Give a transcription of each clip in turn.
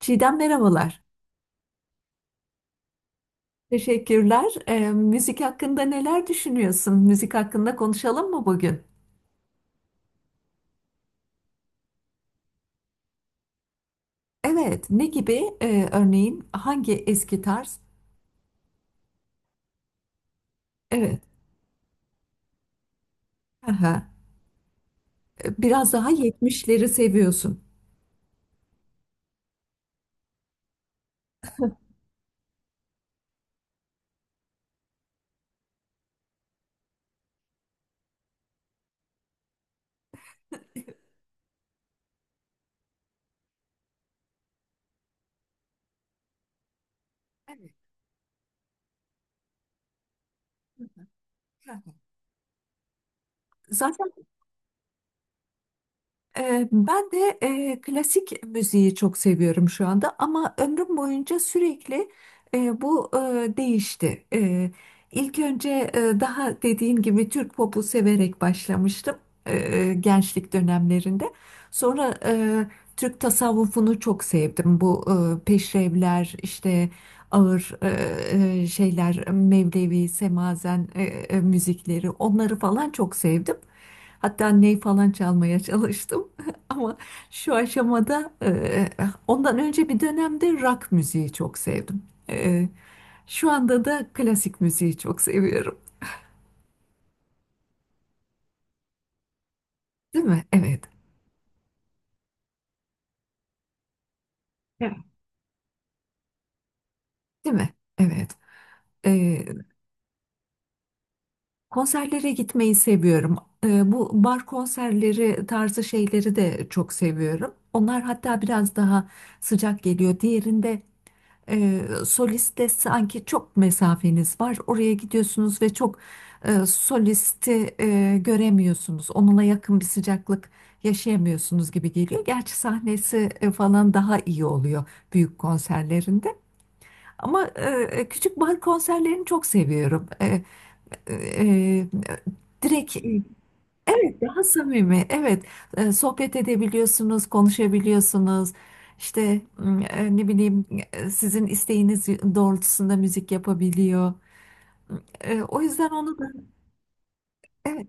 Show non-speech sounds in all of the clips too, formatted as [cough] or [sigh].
Çiğdem merhabalar. Teşekkürler. Müzik hakkında neler düşünüyorsun? Müzik hakkında konuşalım mı bugün? Evet. Ne gibi? Örneğin hangi eski tarz? Evet. Aha. Biraz daha 70'leri seviyorsun. [laughs] Evet. Aha. Zaten ben de klasik müziği çok seviyorum şu anda ama ömrüm boyunca sürekli bu değişti. İlk önce daha dediğin gibi Türk popu severek başlamıştım gençlik dönemlerinde. Sonra Türk tasavvufunu çok sevdim. Bu peşrevler işte ağır şeyler Mevlevi, Semazen müzikleri onları falan çok sevdim. Hatta ney falan çalmaya çalıştım. [laughs] Ama şu aşamada ondan önce bir dönemde rock müziği çok sevdim. E, Şu anda da klasik müziği çok seviyorum. Değil mi? Evet. Evet. Değil mi? Evet. Ee, Konserlere gitmeyi seviyorum. Bu bar konserleri tarzı şeyleri de çok seviyorum. Onlar hatta biraz daha sıcak geliyor. Diğerinde solist de sanki çok mesafeniz var. Oraya gidiyorsunuz ve çok solisti göremiyorsunuz. Onunla yakın bir sıcaklık yaşayamıyorsunuz gibi geliyor. Gerçi sahnesi falan daha iyi oluyor büyük konserlerinde. Ama küçük bar konserlerini çok seviyorum. E, e, Direkt evet, daha samimi. Evet, sohbet edebiliyorsunuz, konuşabiliyorsunuz. İşte ne bileyim sizin isteğiniz doğrultusunda müzik yapabiliyor. O yüzden onu da evet,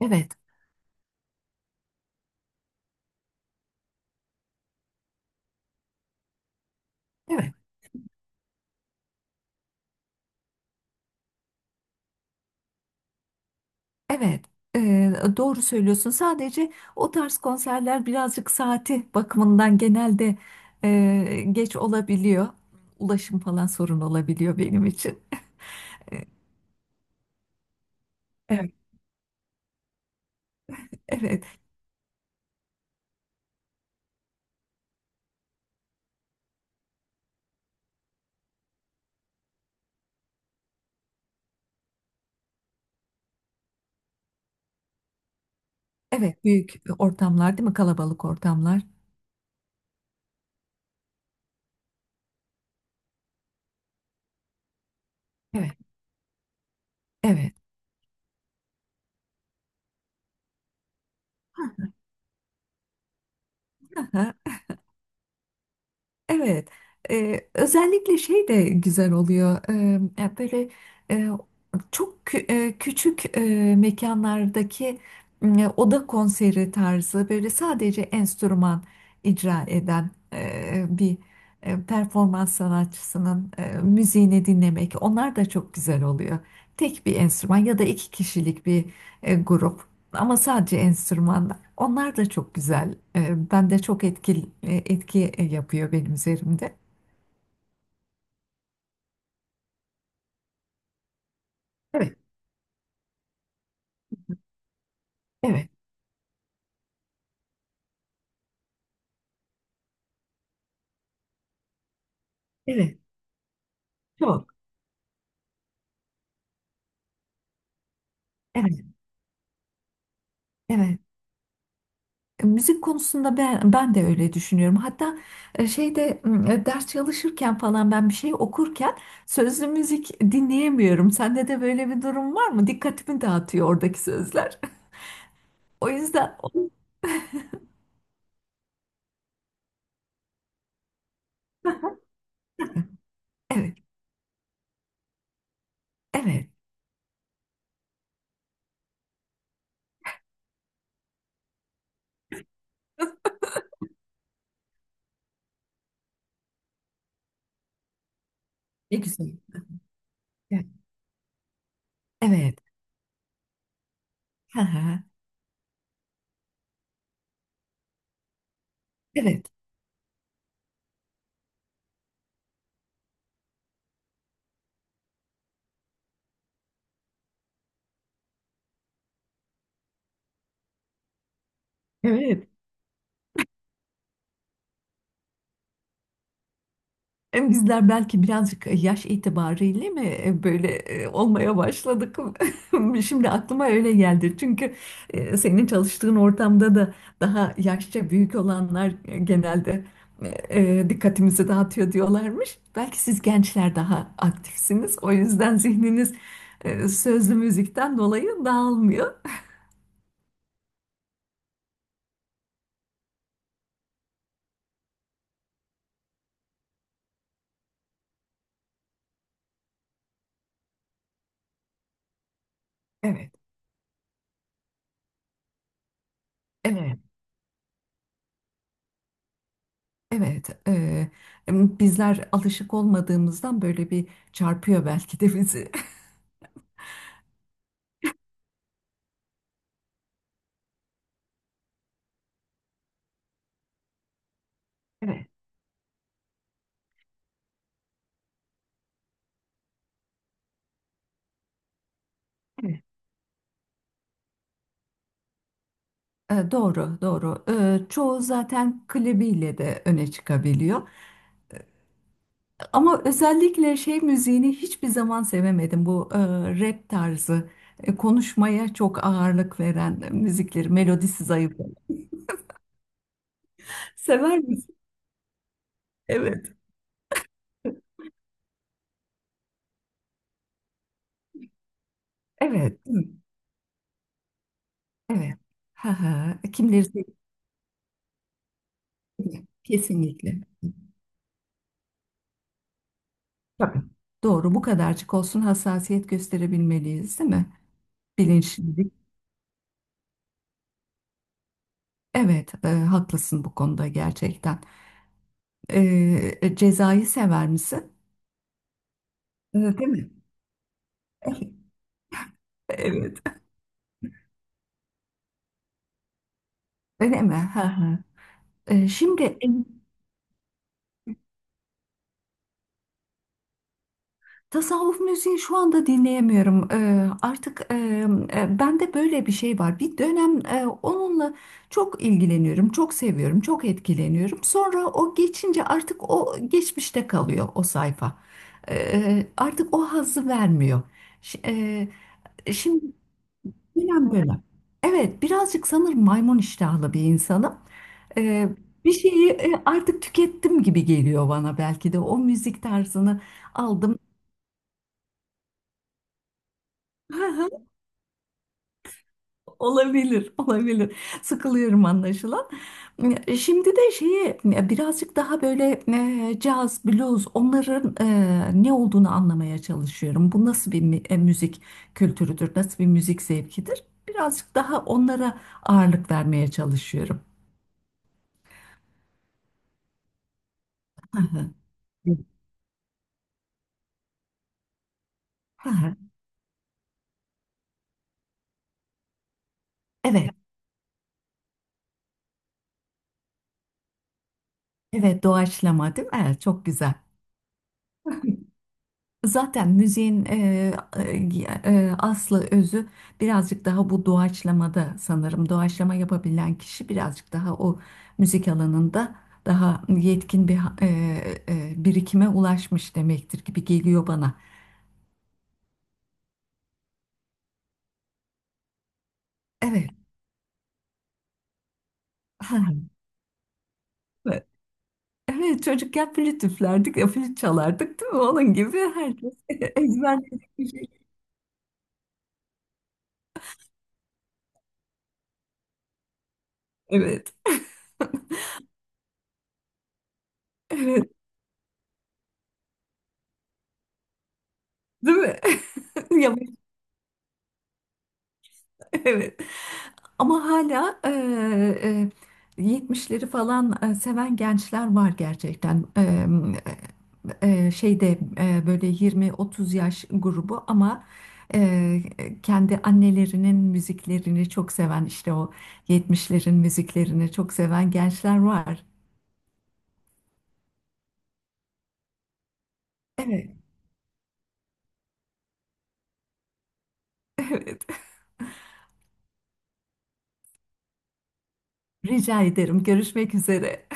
evet, evet, evet. Doğru söylüyorsun. Sadece o tarz konserler birazcık saati bakımından genelde geç olabiliyor. Ulaşım falan sorun olabiliyor benim için. Evet, evet, evet. Büyük ortamlar, değil mi? Kalabalık ortamlar. Evet, evet. Ha, evet. Özellikle şey de güzel oluyor. Ya böyle e, çok küçük mekanlardaki oda konseri tarzı böyle sadece enstrüman icra eden bir performans sanatçısının müziğini dinlemek. Onlar da çok güzel oluyor. Tek bir enstrüman ya da iki kişilik bir grup. Ama sadece enstrümanlar. Onlar da çok güzel. Ben de çok etkili, etki yapıyor benim üzerimde. Evet, evet, evet. Çok. Evet, evet. Müzik konusunda ben de öyle düşünüyorum. Hatta şeyde ders çalışırken falan ben bir şey okurken sözlü müzik dinleyemiyorum. Sende de böyle bir durum var mı? Dikkatimi dağıtıyor oradaki sözler. [laughs] O yüzden evet, evet. Ne güzel. Evet. Evet. [laughs] Evet. Evet. Bizler belki birazcık yaş itibariyle mi böyle olmaya başladık? [laughs] Şimdi aklıma öyle geldi. Çünkü senin çalıştığın ortamda da daha yaşça büyük olanlar genelde dikkatimizi dağıtıyor diyorlarmış. Belki siz gençler daha aktifsiniz. O yüzden zihniniz sözlü müzikten dolayı dağılmıyor. Evet, evet, evet. Bizler alışık olmadığımızdan böyle bir çarpıyor belki de bizi. [laughs] Evet. Doğru, doğru. Çoğu zaten klibiyle de öne çıkabiliyor. Ama özellikle şey müziğini hiçbir zaman sevemedim. Bu rap tarzı, konuşmaya çok ağırlık veren müzikleri, melodisi zayıf. Sever misin? Evet. Evet, hı, evet. Ha ha. Kimleri sevdiğini kesinlikle. Tabii. Doğru, bu kadarcık olsun hassasiyet gösterebilmeliyiz, değil mi? Bilinçlilik. Evet, haklısın bu konuda gerçekten. Cezayı sever misin? Değil mi? [laughs] Evet. Öyle mi? Hı hı. Şimdi tasavvuf müziği şu anda dinleyemiyorum. Artık bende böyle bir şey var. Bir dönem onunla çok ilgileniyorum, çok seviyorum, çok etkileniyorum. Sonra o geçince artık o geçmişte kalıyor o sayfa. Artık o hazzı vermiyor. Ş- Şimdi aynen böyle. Evet, birazcık sanırım maymun iştahlı bir insanım. Ee, Bir şeyi artık tükettim gibi geliyor bana belki de. O müzik tarzını aldım. [laughs] Olabilir, olabilir. Sıkılıyorum anlaşılan. Şimdi de şeyi birazcık daha böyle caz, blues onların ne olduğunu anlamaya çalışıyorum. Bu nasıl bir müzik kültürüdür, nasıl bir müzik zevkidir? Birazcık daha onlara ağırlık vermeye çalışıyorum. [laughs] Ha, evet, evet, doğaçlama değil mi? Evet, çok güzel. Zaten müziğin e, aslı özü birazcık daha bu doğaçlamada sanırım. Doğaçlama yapabilen kişi birazcık daha o müzik alanında daha yetkin bir birikime ulaşmış demektir gibi geliyor bana. Evet. Ha, evet, evet, çocukken flüt üflerdik, flüt çalardık değil mi? Onun gibi herkes [laughs] ezberledik bir şey. Evet, evet, değil mi? [laughs] Ya [laughs] Evet. Ama hala 70'leri falan seven gençler var gerçekten. Şeyde böyle 20-30 yaş grubu ama eee, kendi annelerinin müziklerini çok seven işte o 70'lerin müziklerini çok seven gençler var. Evet, [laughs] evet. Rica ederim. Görüşmek üzere.